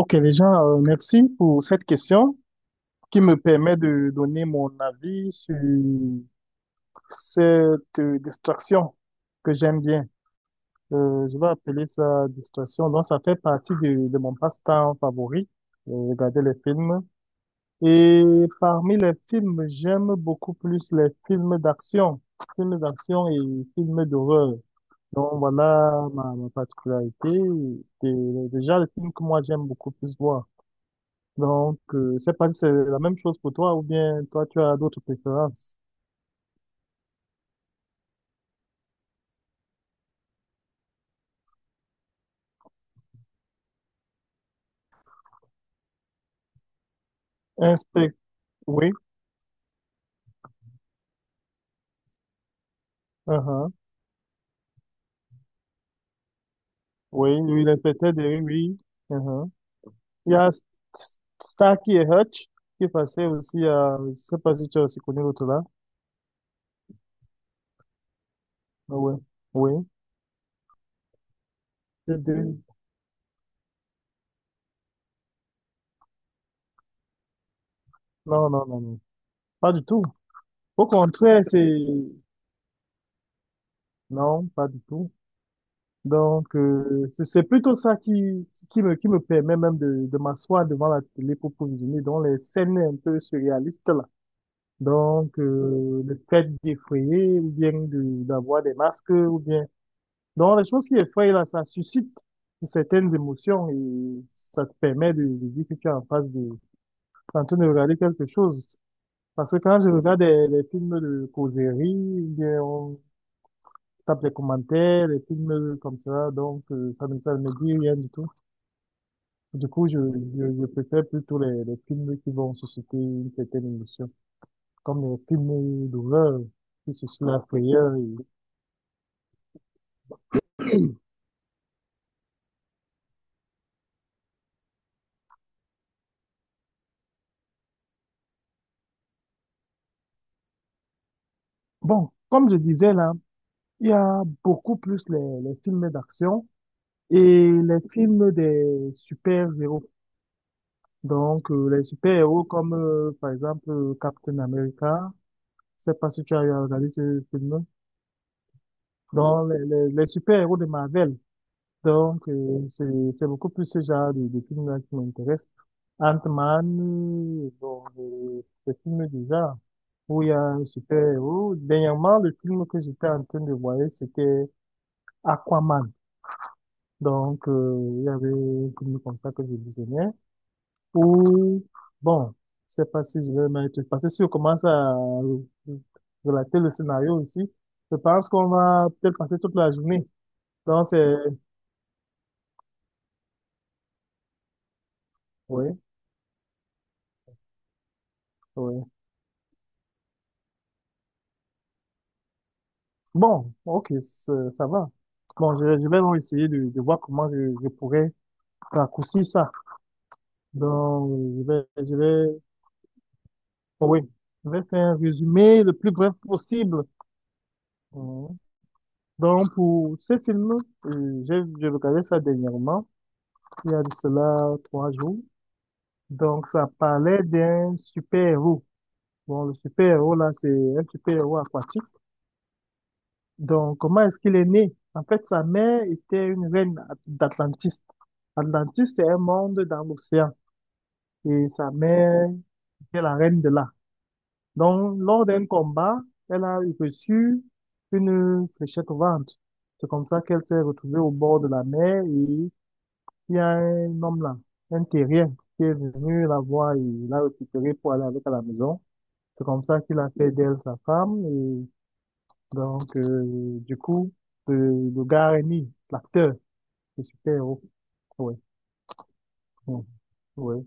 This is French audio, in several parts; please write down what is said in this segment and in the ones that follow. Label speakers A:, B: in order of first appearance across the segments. A: Ok, déjà, merci pour cette question qui me permet de donner mon avis sur cette distraction que j'aime bien. Je vais appeler ça distraction. Donc, ça fait partie de mon passe-temps favori, regarder les films. Et parmi les films, j'aime beaucoup plus les films d'action et films d'horreur. Donc, voilà ma particularité. C'est déjà le film que moi, j'aime beaucoup plus voir. Donc, je sais pas si c'est la même chose pour toi ou bien toi, tu as d'autres préférences. Inspect, oui, uh-huh, oui, oui, l'inspecteur Derry, oui. Uh-huh. Il y a Starkey et Hutch qui passaient aussi à, je sais pas si tu as aussi connu l'autre là. Ah ouais, oui. Je dirais- Non, non, non, non, pas du tout. Au contraire, non, pas du tout. Donc, c'est plutôt ça qui me permet même de m'asseoir devant la télé pour visionner dans les scènes un peu surréalistes là. Donc, le fait d'effrayer ou bien d'avoir des masques ou bien. Donc, les choses qui effraient, là, ça suscite certaines émotions et ça te permet de dire que tu es en face de, en train de regarder quelque chose. Parce que quand je regarde des films de causerie, ou bien on tape les commentaires, les films comme ça, donc ça ne me dit rien du tout. Du coup, je préfère plutôt les films qui vont susciter une certaine émotion, comme les films d'horreur qui suscitent la frayeur. Bon, comme je disais là, il y a beaucoup plus les films d'action et les films des super-héros. Donc, les super-héros comme, par exemple, Captain America. Je sais pas si tu as eu à regarder ce film. Oui. Donc, les super-héros de Marvel. Donc, c'est beaucoup plus ce genre de films-là qui m'intéresse. Ant-Man, bon, des films du genre où il y a un super-héros. Dernièrement, le film que j'étais en train de voir, c'était Aquaman. Donc, il y avait un film comme ça que je visionnais. Ou, bon, je sais pas si je vais mettre, parce que si on commence à relater le scénario ici, je pense qu'on va peut-être passer toute la journée. Donc, oui, oui. Bon, ok, ça va. Bon, je vais donc essayer de voir comment je pourrais raccourcir ça. Donc, je vais, oui, je vais faire un résumé le plus bref possible. Donc, pour ce film, j'ai regardé ça dernièrement, il y a de cela 3 jours. Donc, ça parlait d'un super-héros. Bon, le super-héros, là, c'est un super-héros aquatique. Donc, comment est-ce qu'il est né? En fait, sa mère était une reine d'Atlantis. Atlantis, c'est un monde dans l'océan. Et sa mère était la reine de là. Donc, lors d'un combat, elle a reçu une fléchette au ventre. C'est comme ça qu'elle s'est retrouvée au bord de la mer et il y a un homme là, un terrien, qui est venu la voir et l'a récupérée pour aller avec à la maison. C'est comme ça qu'il a fait d'elle sa femme. Et donc, du coup, le gars Rémi, l'acteur, le super-héros. Oui, oui,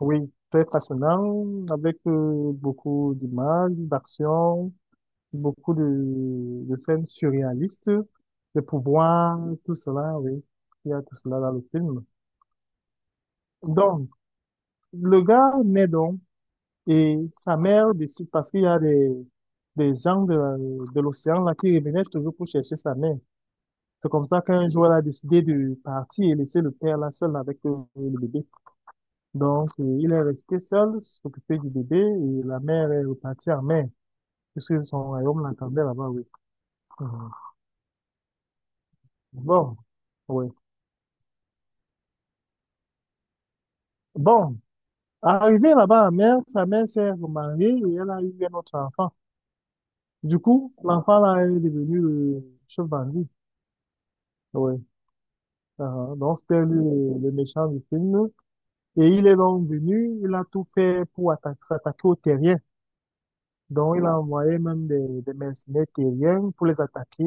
A: oui, très passionnant, avec beaucoup d'images, d'action, beaucoup de scènes surréalistes, de pouvoirs, tout cela, oui. Il y a tout cela dans le film. Donc, le gars naît donc. Et sa mère décide, parce qu'il y a des gens de l'océan là qui revenaient toujours pour chercher sa mère. C'est comme ça qu'un jour, elle a décidé de partir et laisser le père là seul avec le bébé. Donc, il est resté seul, s'occuper du bébé et la mère est repartie en mer, puisque son royaume l'attendait là-bas, oui. Mhm. Bon, oui. Bon, arrivée là-bas en mer, sa mère s'est remariée et elle a eu un autre enfant. Du coup, l'enfant là est devenu le chef bandit. Oui. Ah, donc, c'était lui, le méchant du film. Et il est donc venu, il a tout fait pour s'attaquer aux terriens. Donc, il a envoyé même des mercenaires terriens pour les attaquer.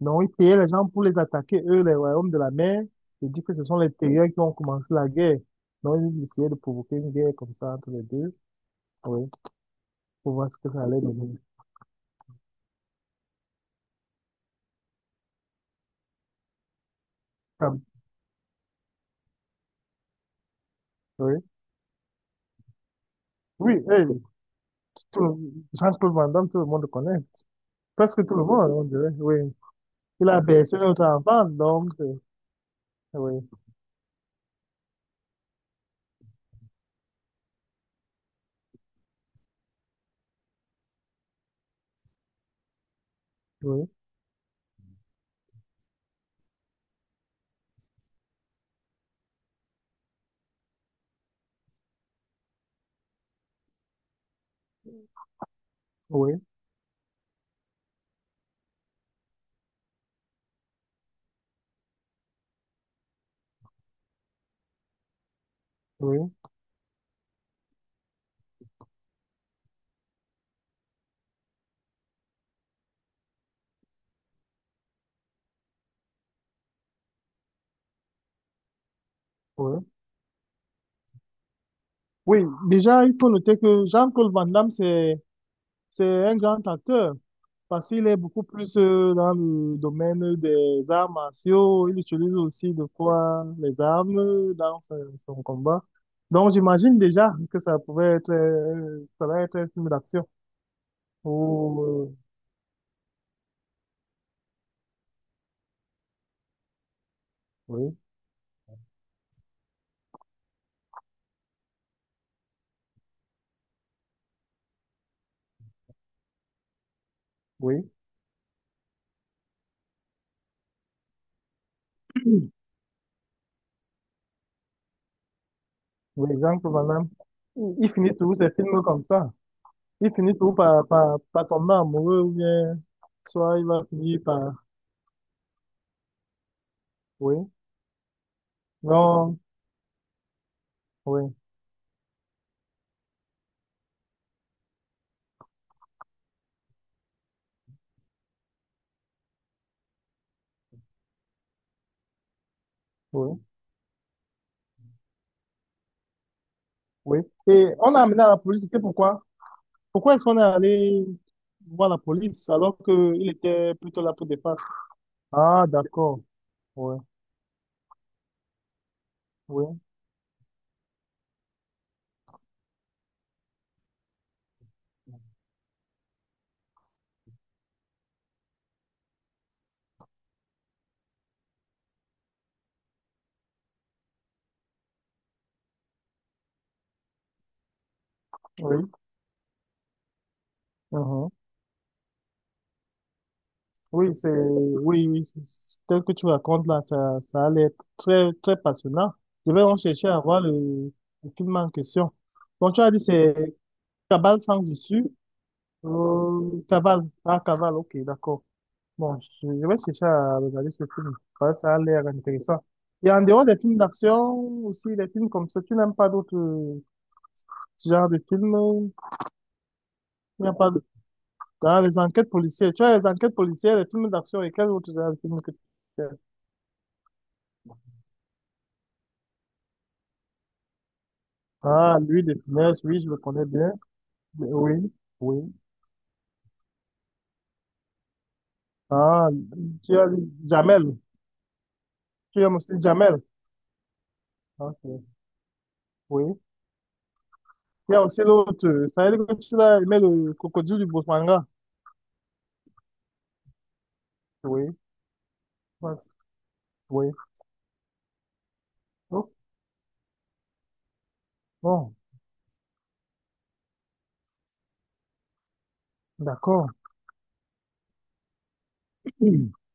A: Donc, il payait les gens pour les attaquer, eux, les royaumes de la mer. Il dit que ce sont les terriens qui ont commencé la guerre. Donc, il essayait de provoquer une guerre comme ça entre les deux. Oui, pour voir ce que ça allait devenir. Ah, oui, oui, hey, tout, le- Jean-Claude Van Damme, tout le monde le connaît. Presque tout le monde, on dirait. Oui, il a bercé notre enfance, donc, oui. Oui, oui, oui, oui. Oui, déjà, il faut noter que Jean-Claude Van Damme, c'est, un grand acteur parce qu'il est beaucoup plus dans le domaine des arts martiaux. Il utilise aussi de quoi les armes dans son combat. Donc, j'imagine déjà que ça pouvait être, ça va être un film d'action. Oh, oui, oui, oui, Jean-Claude Van Damme. Il finit tous ses films comme ça. Il finit toujours par tomber amoureux ou bien soit il va finir par. Oui, non, oui, oui, oui. Et on a amené à la police, c'était pourquoi? Pourquoi est-ce qu'on est allé voir la police alors qu'il était plutôt là pour défendre? Ah, d'accord, oui, oui, oui. Mhm. Oui, oui, oui, tel que tu racontes là, ça allait être très, très passionnant. Je vais en chercher à voir le film en question. Bon, tu as dit c'est Cabal sans issue. Cabal, ah, Cabal, ok, d'accord. Bon, je vais chercher à regarder ce film. Ouais, ça a l'air intéressant. Et en dehors des films d'action, aussi des films comme ça, tu n'aimes pas d'autres genres de films? Il n'y a pas de- dans les enquêtes policières. Tu as les enquêtes policières, les films d'action et quels autres genres de films que tu aimes. Ah, lui des finesse, oui, je le connais bien. Oui, oui. Ah, tu as lui, Jamel. Tu aimes aussi Jamel. Ok, oui. Il y a aussi l'autre. Ça veut dire que tu as aimé le crocodile du Bosmanga. Oui. Oui. Oh, bon, d'accord.